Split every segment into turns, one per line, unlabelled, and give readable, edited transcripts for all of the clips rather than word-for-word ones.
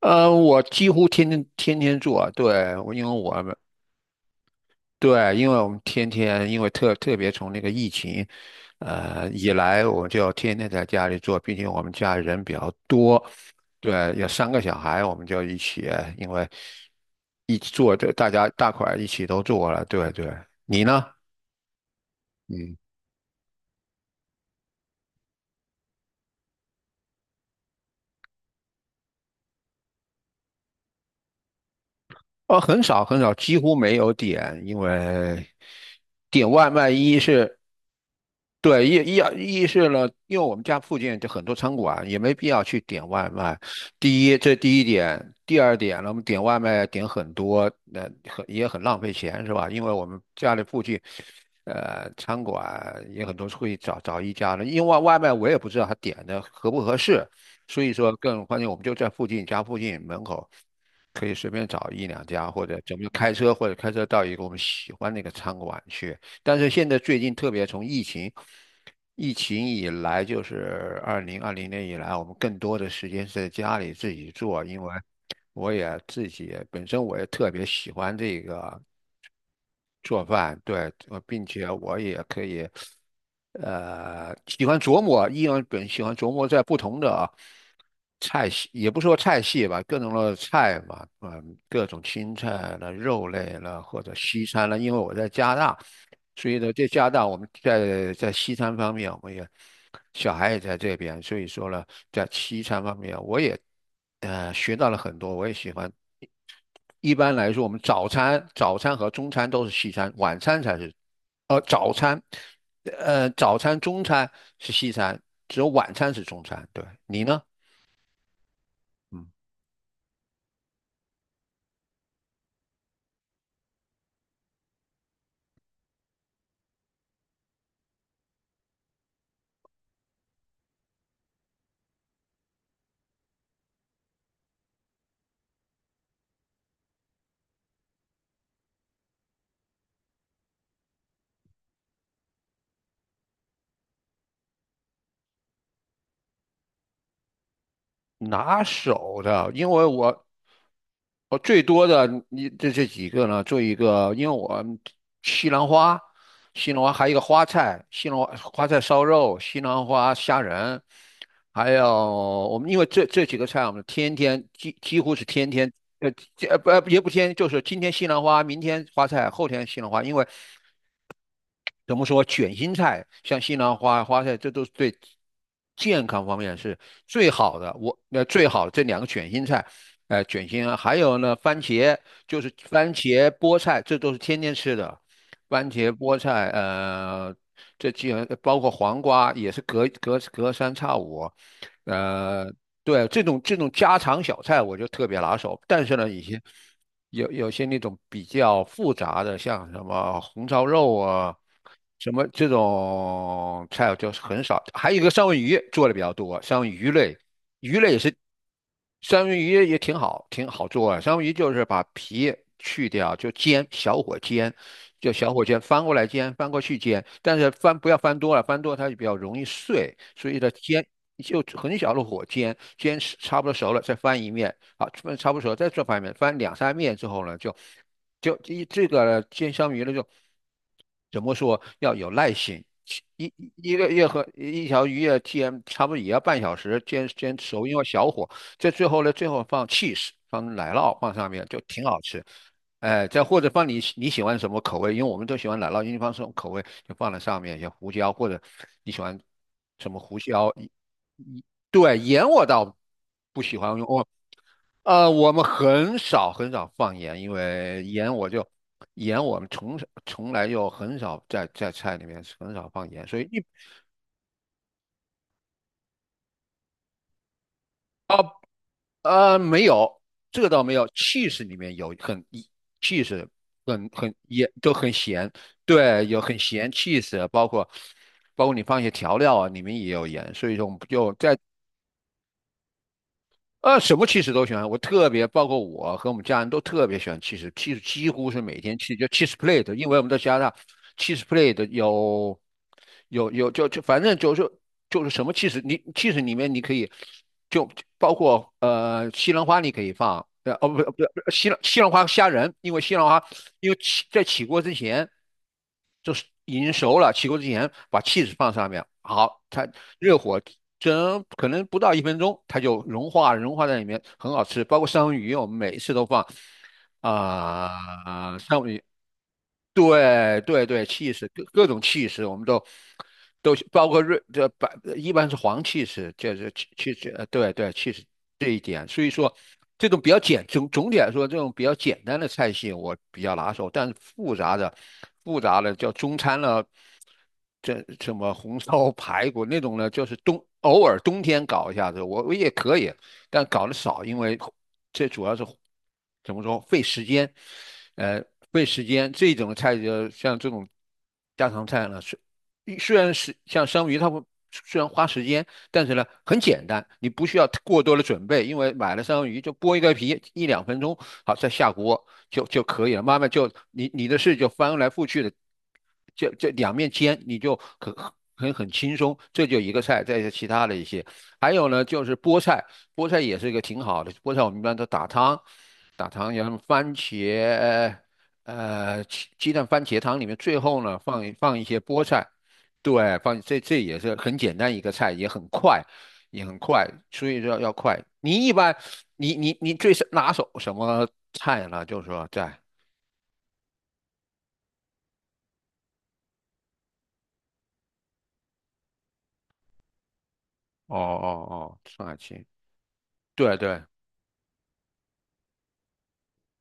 我几乎天天做啊。对，我因为我们对，因为我们天天特别从那个疫情以来，我就天天在家里做，毕竟我们家人比较多。对，有三个小孩，我们就一起，因为一起做，这大家大块儿一起都做了。对对，你呢？嗯。哦，很少很少，几乎没有点，因为点外卖一是。对，意识了，因为我们家附近就很多餐馆，也没必要去点外卖。第一，这第一点。第二点呢，我们点外卖点很多，也很浪费钱，是吧？因为我们家里附近，餐馆也很多，会找一家的。因为外卖我也不知道他点的合不合适，所以说更关键，我们就在附近家附近门口。可以随便找一两家，或者怎么就开车，或者开车到一个我们喜欢那个餐馆去。但是现在最近，特别从疫情以来，就是2020年以来，我们更多的时间是在家里自己做。因为自己本身我也特别喜欢这个。做饭，对。并且我也可以，喜欢琢磨，依然本喜欢琢磨在不同的菜系，也不说菜系吧，各种的菜嘛。嗯，各种青菜了、肉类了，或者西餐了。因为我在加拿大，所以呢，在加拿大我们在西餐方面，我们也小孩也在这边。所以说呢，在西餐方面我也学到了很多，我也喜欢。一般来说，我们早餐和中餐都是西餐，晚餐才是，呃，早餐，中餐是西餐，只有晚餐是中餐。对，你呢？嗯。拿手的，因为我最多的你这几个呢，做一个，因为我们西兰花，西兰花还有一个花菜，西兰花花菜烧肉，西兰花虾仁，还有。我们因为这几个菜，我们天天几乎是天天。呃，这不也不天，就是今天西兰花，明天花菜，后天西兰花。因为怎么说卷心菜，像西兰花、花菜，这都是对健康方面是最好的。最好的这两个卷心菜，卷心啊，还有呢，番茄，就是番茄、菠菜，这都是天天吃的。番茄、菠菜，这既然包括黄瓜，也是隔三差五。呃，对，这种家常小菜我就特别拿手。但是呢，有些那种比较复杂的，像什么红烧肉啊，什么这种菜就是很少。还有一个三文鱼做的比较多，三文鱼类，鱼类也是，三文鱼也挺好，挺好做啊。三文鱼就是把皮去掉，就煎，小火煎，就小火煎，翻过来煎，翻过去煎，但是翻不要翻多了，翻多了它就比较容易碎。所以呢煎就很小的火煎，煎差不多熟了再翻一面。好，翻差不多熟了再翻一面，翻两三面之后呢，就就一这个煎香鱼呢怎么说，要有耐心。一一个月和一条鱼要煎，差不多也要半小时煎熟，因为小火。最后呢，最后放 cheese，放奶酪放上面就挺好吃。哎，再或者放你喜欢什么口味，因为我们都喜欢奶酪，因为放什么口味就放在上面，像胡椒或者你喜欢什么胡椒。一对，盐我倒不喜欢用。我们很少很少放盐，因为盐我们从来就很少在菜里面很少放盐，所以没有，这个倒没有。cheese 里面有cheese， 很也都很咸。对，有很咸 cheese，包括你放一些调料啊，里面也有盐。所以说，我们就在什么汽水都喜欢。我特别包括我和我们家人都特别喜欢汽水，汽水几乎是每天吃，就 cheese plate。因为我们在加拿大，cheese plate 有反正就是什么汽水。你汽水里面你可以就包括西兰花你可以放，不西兰花虾仁。因为西兰花因为起在起锅之前已经熟了，起锅之前把 ch 放上面。好，它热火蒸可能不到1分钟，它就融化在里面，很好吃。包括三文鱼，我们每一次都放啊、三文鱼对对对，气势各种气势，我们都包括瑞这白。一般是黄气势，就是气势，对对，气势这一点。所以说，这种比较简总总体来说，这种比较简单的菜系我比较拿手。但是复杂的，叫中餐了。这什么红烧 排骨那种呢，就是偶尔冬天搞一下子，我也可以。但搞得少，因为这主要是怎么说，费时间，呃，费时间这种菜。就像这种家常菜呢，虽然是像生鱼，它会虽然花时间，但是呢很简单，你不需要过多的准备，因为买了生鱼就剥一个皮，一两分钟。好，再下锅就可以了，慢慢你的事就翻来覆去的，两面煎，你就很轻松。这就一个菜，再一些其他的一些。还有呢，就是菠菜，菠菜也是一个挺好的。菠菜我们一般都打汤，然后番茄，鸡蛋番茄汤里面，最后呢放一些菠菜。对，这也是很简单一个菜，也很快，所以说要快。你一般，你最是拿手什么菜呢？就是说在哦哦哦，上海青，对对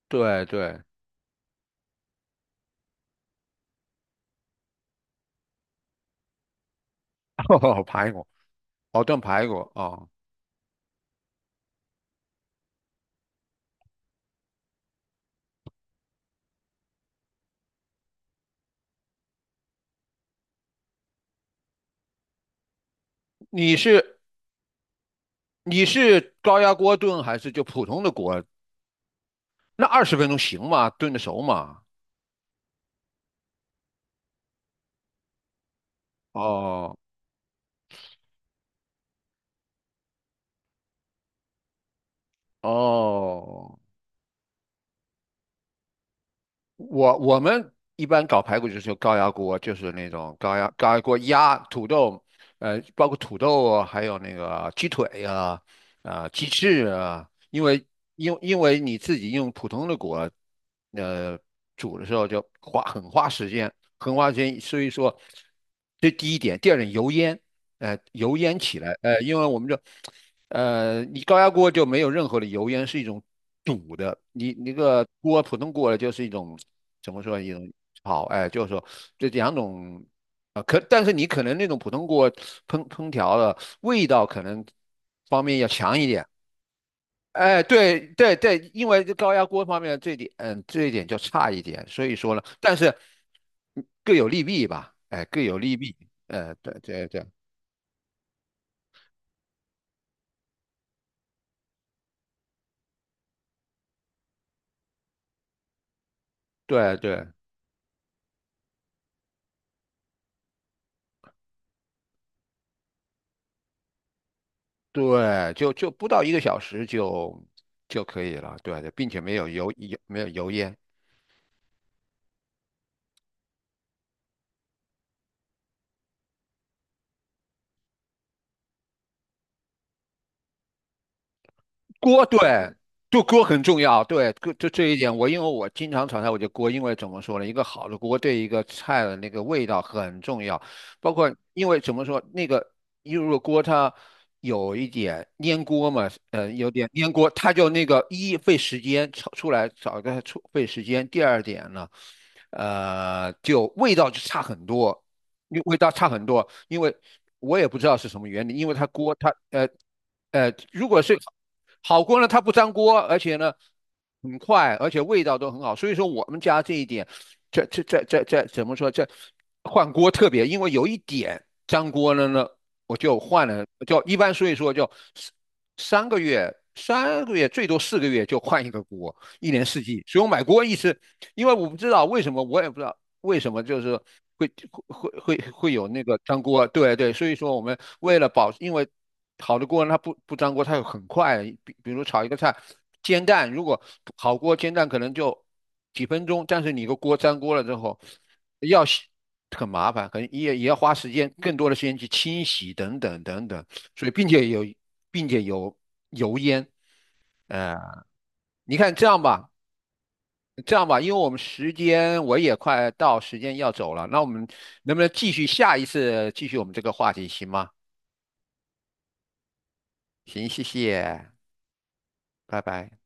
对对。哦，排骨。哦，炖排骨哦。你是你是高压锅炖还是就普通的锅？那20分钟行吗？炖得熟吗？哦哦。我们一般搞排骨就是用高压锅，就是那种高压锅压土豆，包括土豆啊还有那个鸡腿呀，鸡翅啊。因为因为你自己用普通的锅，呃，煮的时候就很花时间，很花时间，所以说这第一点。第二点油烟，油烟起来，因为我们这。你高压锅就没有任何的油烟，是一种堵的。你那个锅，普通锅了，就是一种怎么说，一种好。哎，就是说这两种但是你可能那种普通锅烹调的味道，可能方面要强一点。哎，对对对，因为这高压锅方面这点。嗯，这一点就差一点。所以说呢，但是嗯各有利弊吧。哎，各有利弊。哎，对对对对对。对，不到1个小时就可以了。对，并且没有没有油烟。锅，对。就锅很重要。对，这一点我因为我经常炒菜，我就锅。因为怎么说呢，一个好的锅对一个菜的那个味道很重要，包括因为怎么说那个，因为如果锅它有一点粘锅嘛，有点粘锅，它就那个费时间炒出来，炒个出费时间，第二点呢，就味道就差很多，因为味道差很多。因为我也不知道是什么原理，因为它锅它。如果是好锅呢，它不粘锅，而且呢很快，而且味道都很好。所以说我们家这一点，这怎么说？换锅特别，因为有一点粘锅了呢，我就换了，就一般所以说就三三个月。3个月最多4个月就换一个锅，一年四季。所以我买锅一直。因为我不知道为什么，我也不知道为什么就是会会有那个粘锅？对对，所以说我们为了保，因为好的锅它不粘锅，它很快。比如炒一个菜，煎蛋，如果好锅煎蛋可能就几分钟。但是你个锅粘锅了之后，要洗很麻烦，可能也要花时间，更多的时间去清洗等等等等。所以并且有，并且有油烟，呃，你看这样吧。这样吧，因为我也快到时间要走了，那我们能不能下一次继续我们这个话题，行吗？行，谢谢，拜拜。